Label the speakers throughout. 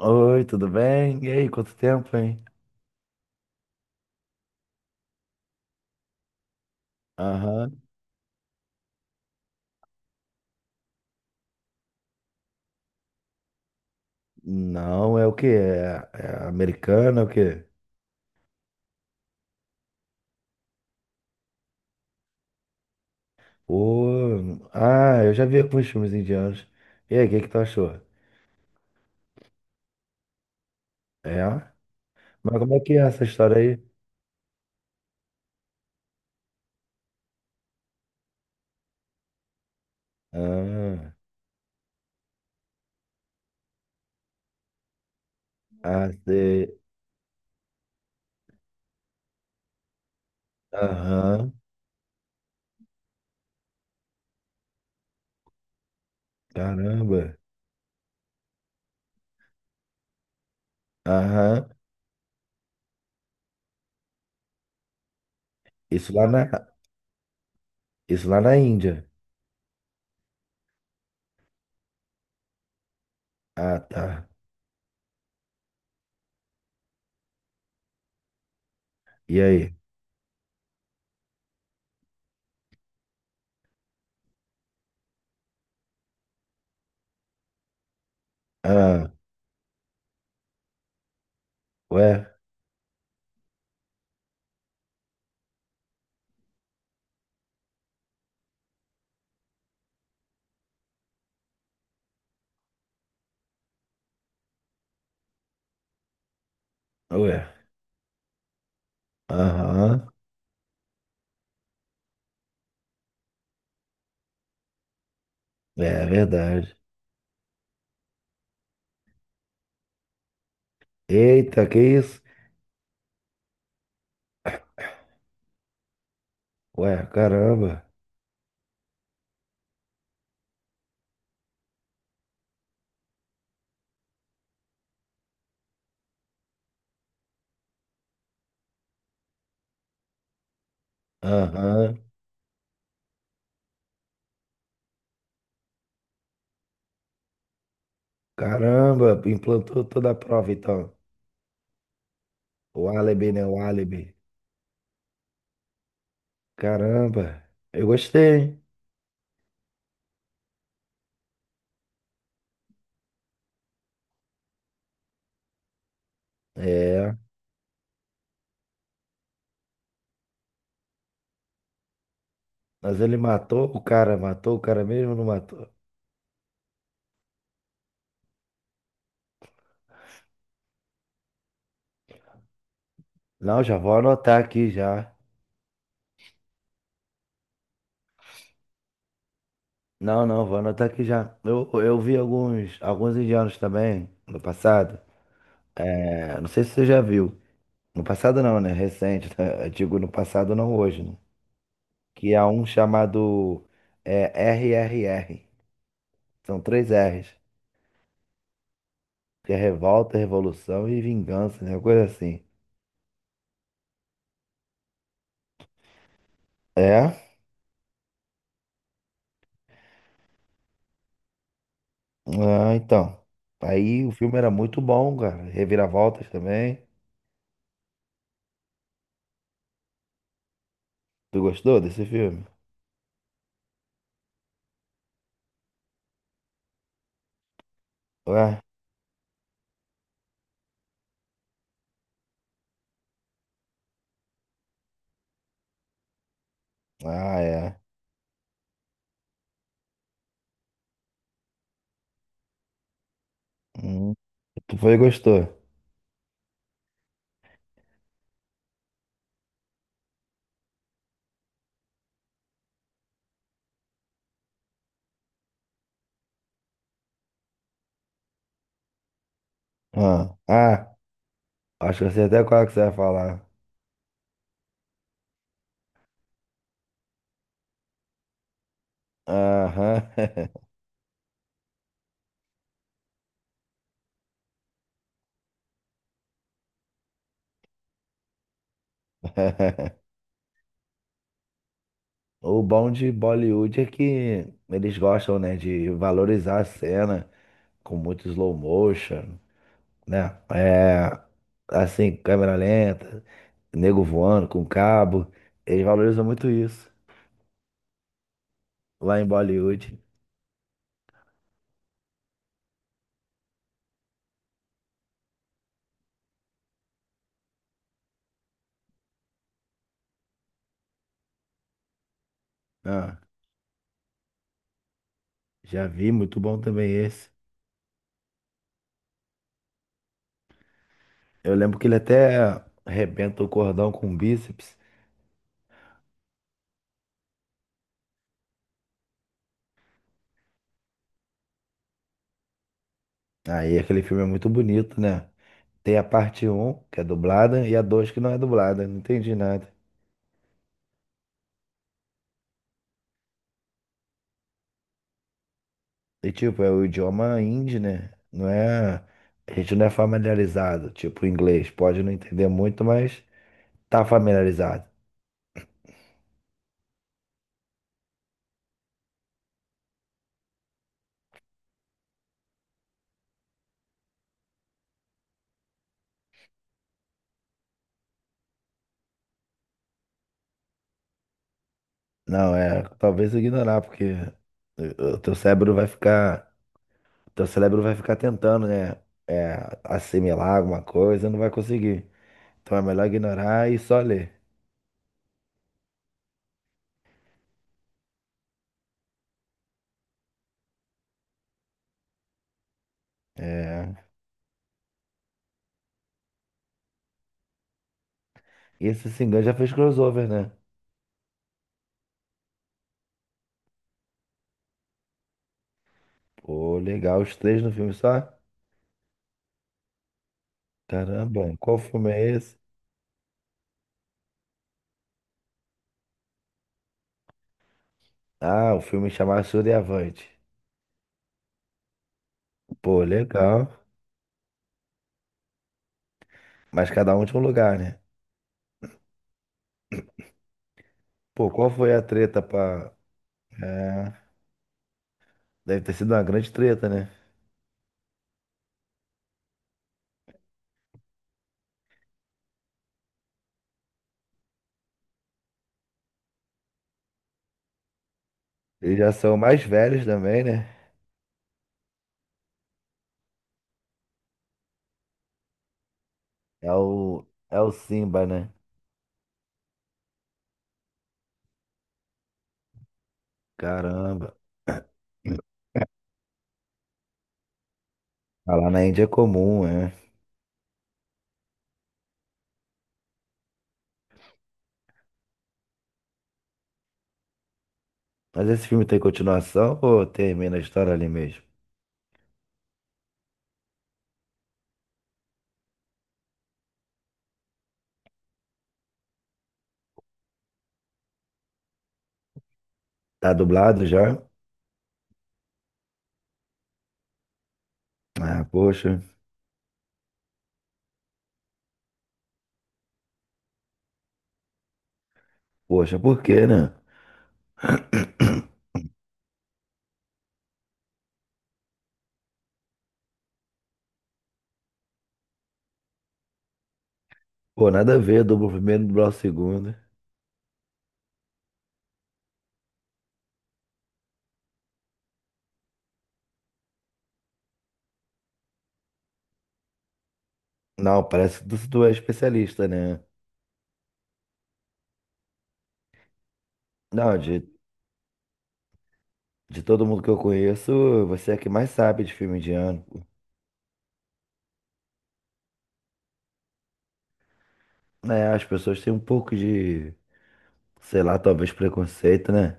Speaker 1: Oi, tudo bem? E aí, quanto tempo, hein? Aham. Não, é o quê? É, é americano, é o quê? Ô, ah, eu já vi alguns filmes indianos. E aí, o que que tu achou? É? Mas como é que é essa história aí? Ah, ah, sei. Aham. Caramba. Aham. Isso lá na, isso lá na Índia. Ah, tá. E aí? Ah, ué, ué. Aham. É verdade. Eita, que isso? Ué, caramba. Aham. Caramba, implantou toda a prova, então. O álibi, né? O álibi. Caramba. Eu gostei, hein? É. Mas ele matou o cara mesmo, ou não matou? Não, já vou anotar aqui já. Não, não, vou anotar aqui já. Eu vi alguns, alguns indianos também no passado. É, não sei se você já viu. No passado não, né? Recente, né? Eu digo no passado, não hoje, né? Que há um chamado, é, RRR. São três R's, que é revolta, revolução e vingança, né? Uma coisa assim. É? Ah, então. Aí o filme era muito bom, cara. Reviravoltas também. Tu gostou desse filme? Ué? Ah, é. Hum, tu foi e gostou. Ah, ah, acho que eu sei até qual é que você vai falar. Aham. O bom de Bollywood é que eles gostam, né, de valorizar a cena com muito slow motion, né? É, assim, câmera lenta, nego voando com cabo. Eles valorizam muito isso lá em Bollywood. Ah, já vi, muito bom também esse. Eu lembro que ele até arrebenta o cordão com o bíceps. Aí aquele filme é muito bonito, né? Tem a parte um que é dublada, e a 2 que não é dublada. Não entendi nada. E tipo, é o idioma hindi, né? Não é. A gente não é familiarizado. Tipo, o inglês pode não entender muito, mas tá familiarizado. Não, é, talvez ignorar, porque o teu cérebro vai ficar, o teu cérebro vai ficar tentando, né, é, assimilar alguma coisa, não vai conseguir. Então é melhor ignorar e só ler. É, e esse Singan já fez crossover, né? Pô, legal, os três no filme só? Caramba, qual filme é esse? Ah, o filme chamado Suriavante. Pô, legal. Mas cada um tinha um lugar, né? Pô, qual foi a treta pra... É, deve ter sido uma grande treta, né? Eles já são mais velhos também, né? É o Simba, né? Caramba. Ah, lá na Índia é comum, é. Mas esse filme tem continuação ou termina a história ali mesmo? Tá dublado já? Ah, poxa. Poxa, por quê, né? Pô, nada a ver, dublo o primeiro, dublar o segundo. Não, parece que tu é especialista, né? Não, de todo mundo que eu conheço, você é que mais sabe de filme indiano. Né? As pessoas têm um pouco de, sei lá, talvez preconceito, né?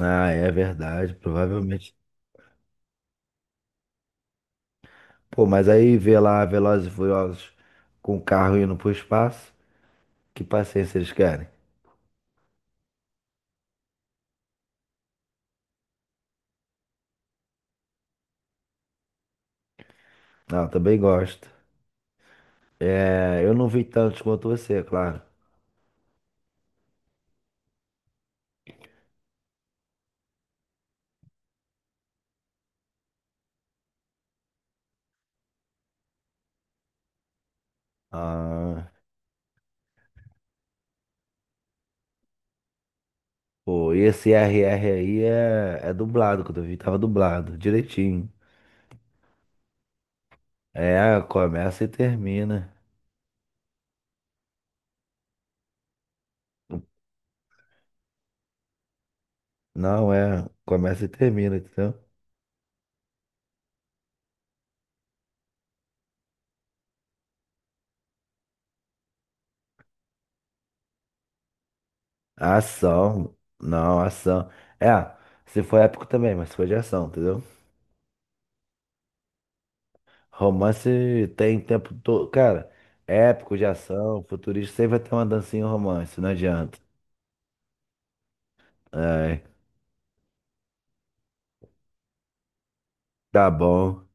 Speaker 1: Ah, é verdade, provavelmente. Pô, mas aí vê lá Velozes e Furiosos com o carro indo pro espaço. Que paciência eles querem? Ah, eu também gosto. É, eu não vi tantos quanto você, claro. Ah, pô, e esse R R aí é, é dublado, quando eu vi tava dublado, direitinho. É, começa e termina. Não, é, começa e termina, entendeu? Ação, não, ação. É, se for épico também, mas se for de ação, entendeu? Romance tem tempo todo. Cara, épico de ação, futurista, sempre vai ter uma dancinha em romance, não adianta. É, tá bom.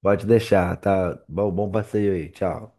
Speaker 1: Pode deixar, tá? Bom, bom passeio aí. Tchau.